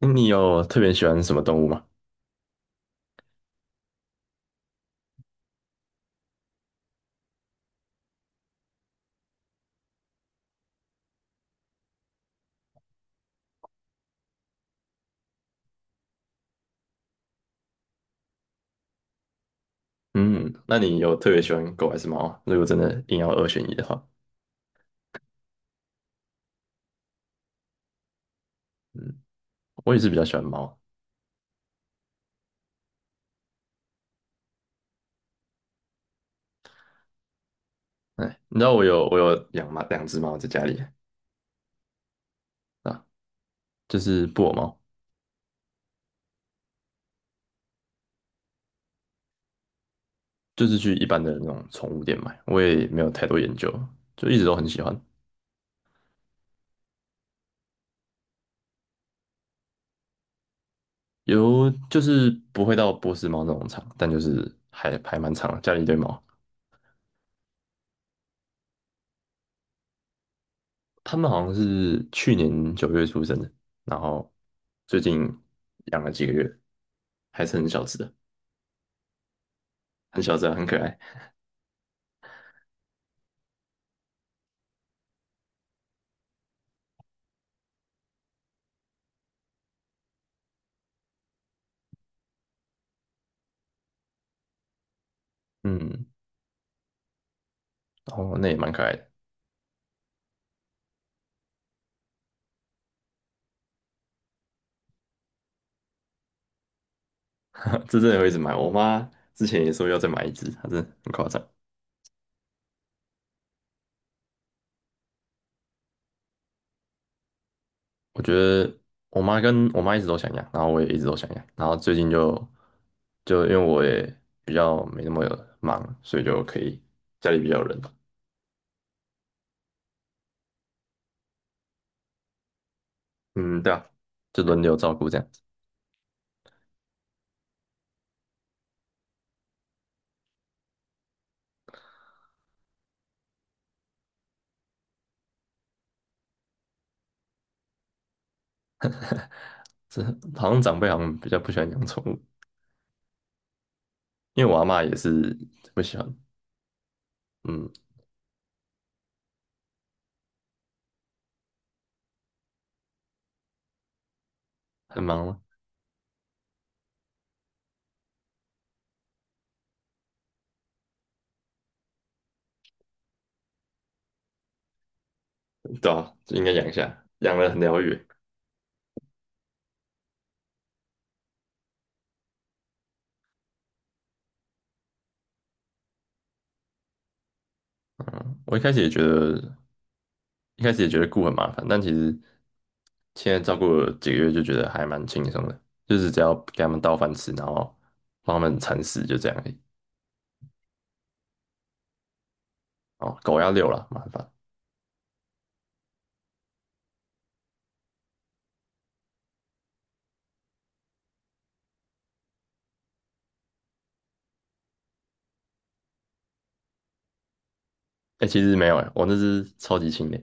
你有特别喜欢什么动物吗？嗯，那你有特别喜欢狗还是猫啊？如果真的硬要二选一的话，嗯，我也是比较喜欢猫啊。哎，你知道我有养猫两只猫在家里。啊，就是布偶猫，就是去一般的那种宠物店买，我也没有太多研究，就一直都很喜欢。有就是不会到波斯猫那种长，但就是还蛮长的，家里一堆猫。它们好像是去年九月出生的，然后最近养了几个月，还是很小只的。很小只啊，很可爱。嗯，哦，那也蛮可爱的。这真的会一直买。我妈之前也说要再买一只，她真的很夸张。我觉得我妈一直都想养，然后我也一直都想养，然后最近就就因为我也比较没那么忙，所以就可以家里比较有人。嗯，对啊，就轮流照顾这样子。这好像长辈好像比较不喜欢养宠物，因为我阿嬷也是不喜欢。嗯，很忙吗？对啊，就应该养一下，养了很疗愈。嗯，我一开始也觉得顾很麻烦，但其实现在照顾了几个月就觉得还蛮轻松的，就是只要给他们倒饭吃，然后帮他们铲屎，就这样而已。哦，狗要遛了，麻烦。哎、其实没有，哎、我那只超级轻的，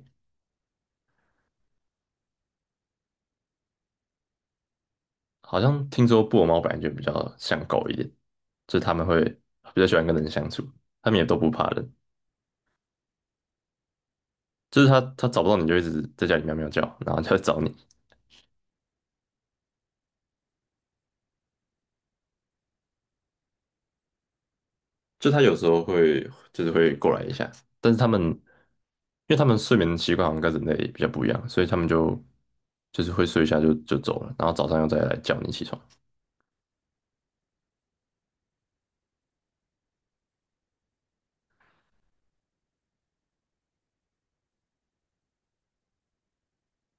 好像听说布偶猫本来就比较像狗一点，就是他们会比较喜欢跟人相处，他们也都不怕人，就是它找不到你就一直在家里喵喵叫，然后就来找你，就他有时候会就是会过来一下，但是他们因为他们睡眠习惯好像跟人类比较不一样，所以他们就是会睡一下就走了，然后早上又再来叫你起床，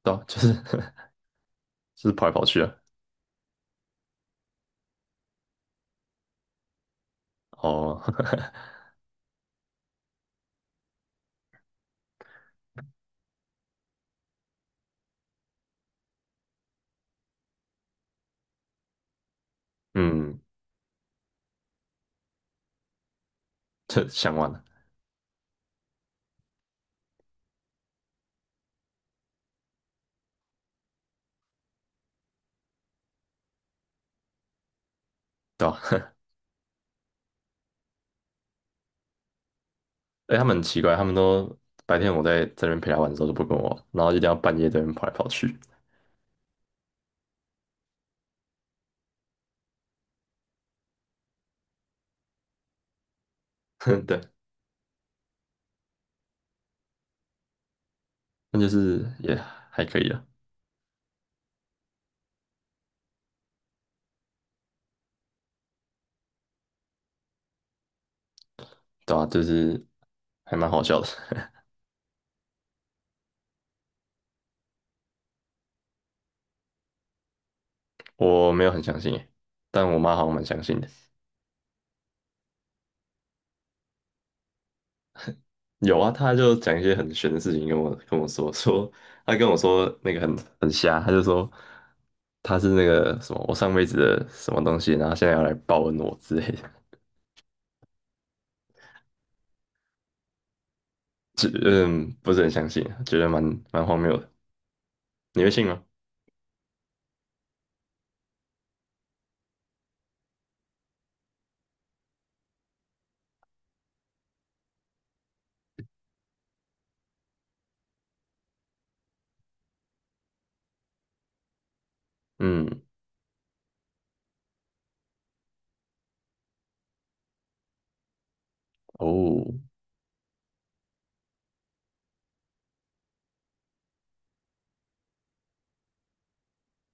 对啊，就是 就是跑来跑去啊。哦，嗯，这想完了，对吧？哎，他们很奇怪，他们都白天我在这边陪他玩的时候都不跟我玩，然后一定要半夜在那边跑来跑去，对，那就是也还可以啊，对啊，就是还蛮好笑的。我没有很相信诶，但我妈好像蛮相信的。有啊，她就讲一些很玄的事情跟我说，说她跟我说那个很瞎，她就说她是那个什么我上辈子的什么东西，然后现在要来报恩我之类的，就嗯不是很相信啊，觉得蛮荒谬的。你会信吗？嗯，哦，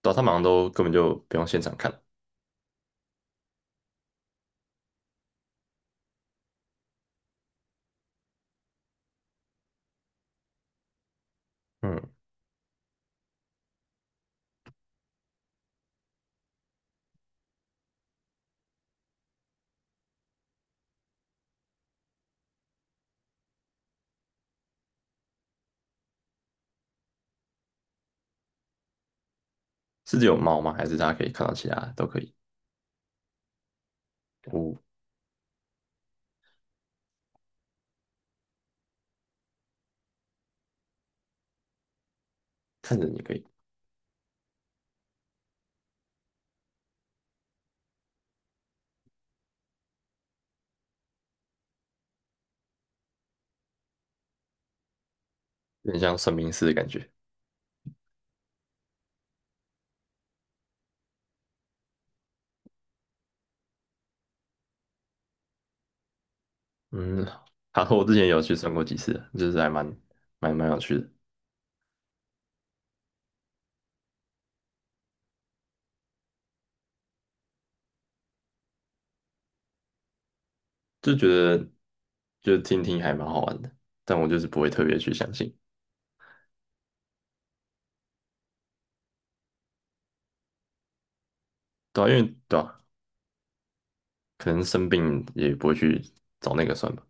对上他们好像都根本就不用现场看。嗯，是只有猫吗？还是大家可以看到其他都可以？哦，看着你可以，有点像算命师的感觉。嗯，好，我之前有去算过几次，就是还蛮有趣的，就觉得就听听还蛮好玩的，但我就是不会特别去相信，对啊，因为对啊，可能生病也不会去找那个算吧。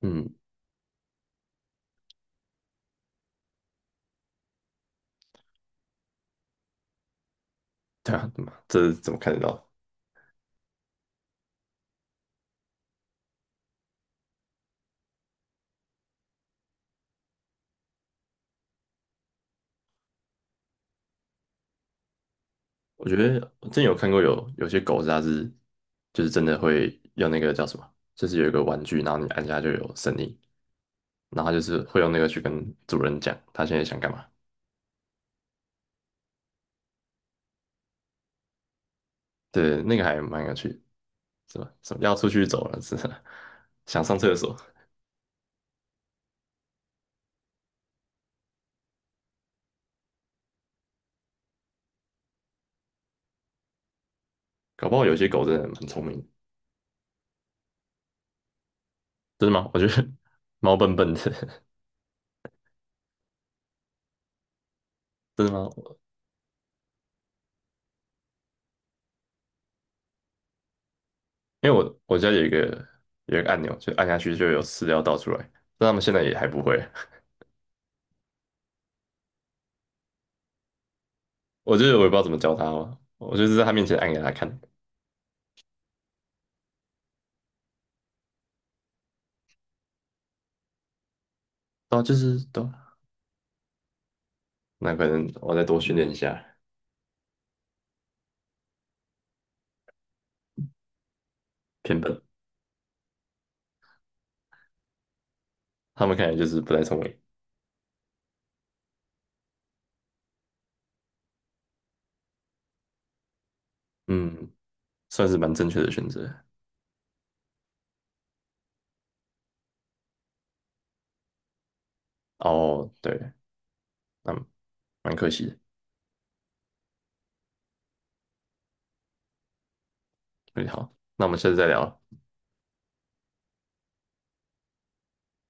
嗯，对啊，怎么这怎么看得到？我觉得我之前有看过有些狗是它是就是真的会用那个叫什么，就是有一个玩具，然后你按下就有声音，然后它就是会用那个去跟主人讲它现在想干嘛。对，那个还蛮有趣的，是吧？什么要出去走了，是 想上厕所，搞不好有些狗真的很聪明的。真的吗？我觉得 猫笨笨的，真的吗？我因为我家有一个有一个按钮，就按下去就有饲料倒出来，但他们现在也还不会，我就是我也不知道怎么教它嘛，我就是在它面前按给它看。哦，就是对啊，那可能我再多训练一下，偏笨，它们看起来就是不太聪明。嗯，算是蛮正确的选择。哦，对，那蛮可惜的。嗯，好，那我们下次再聊了。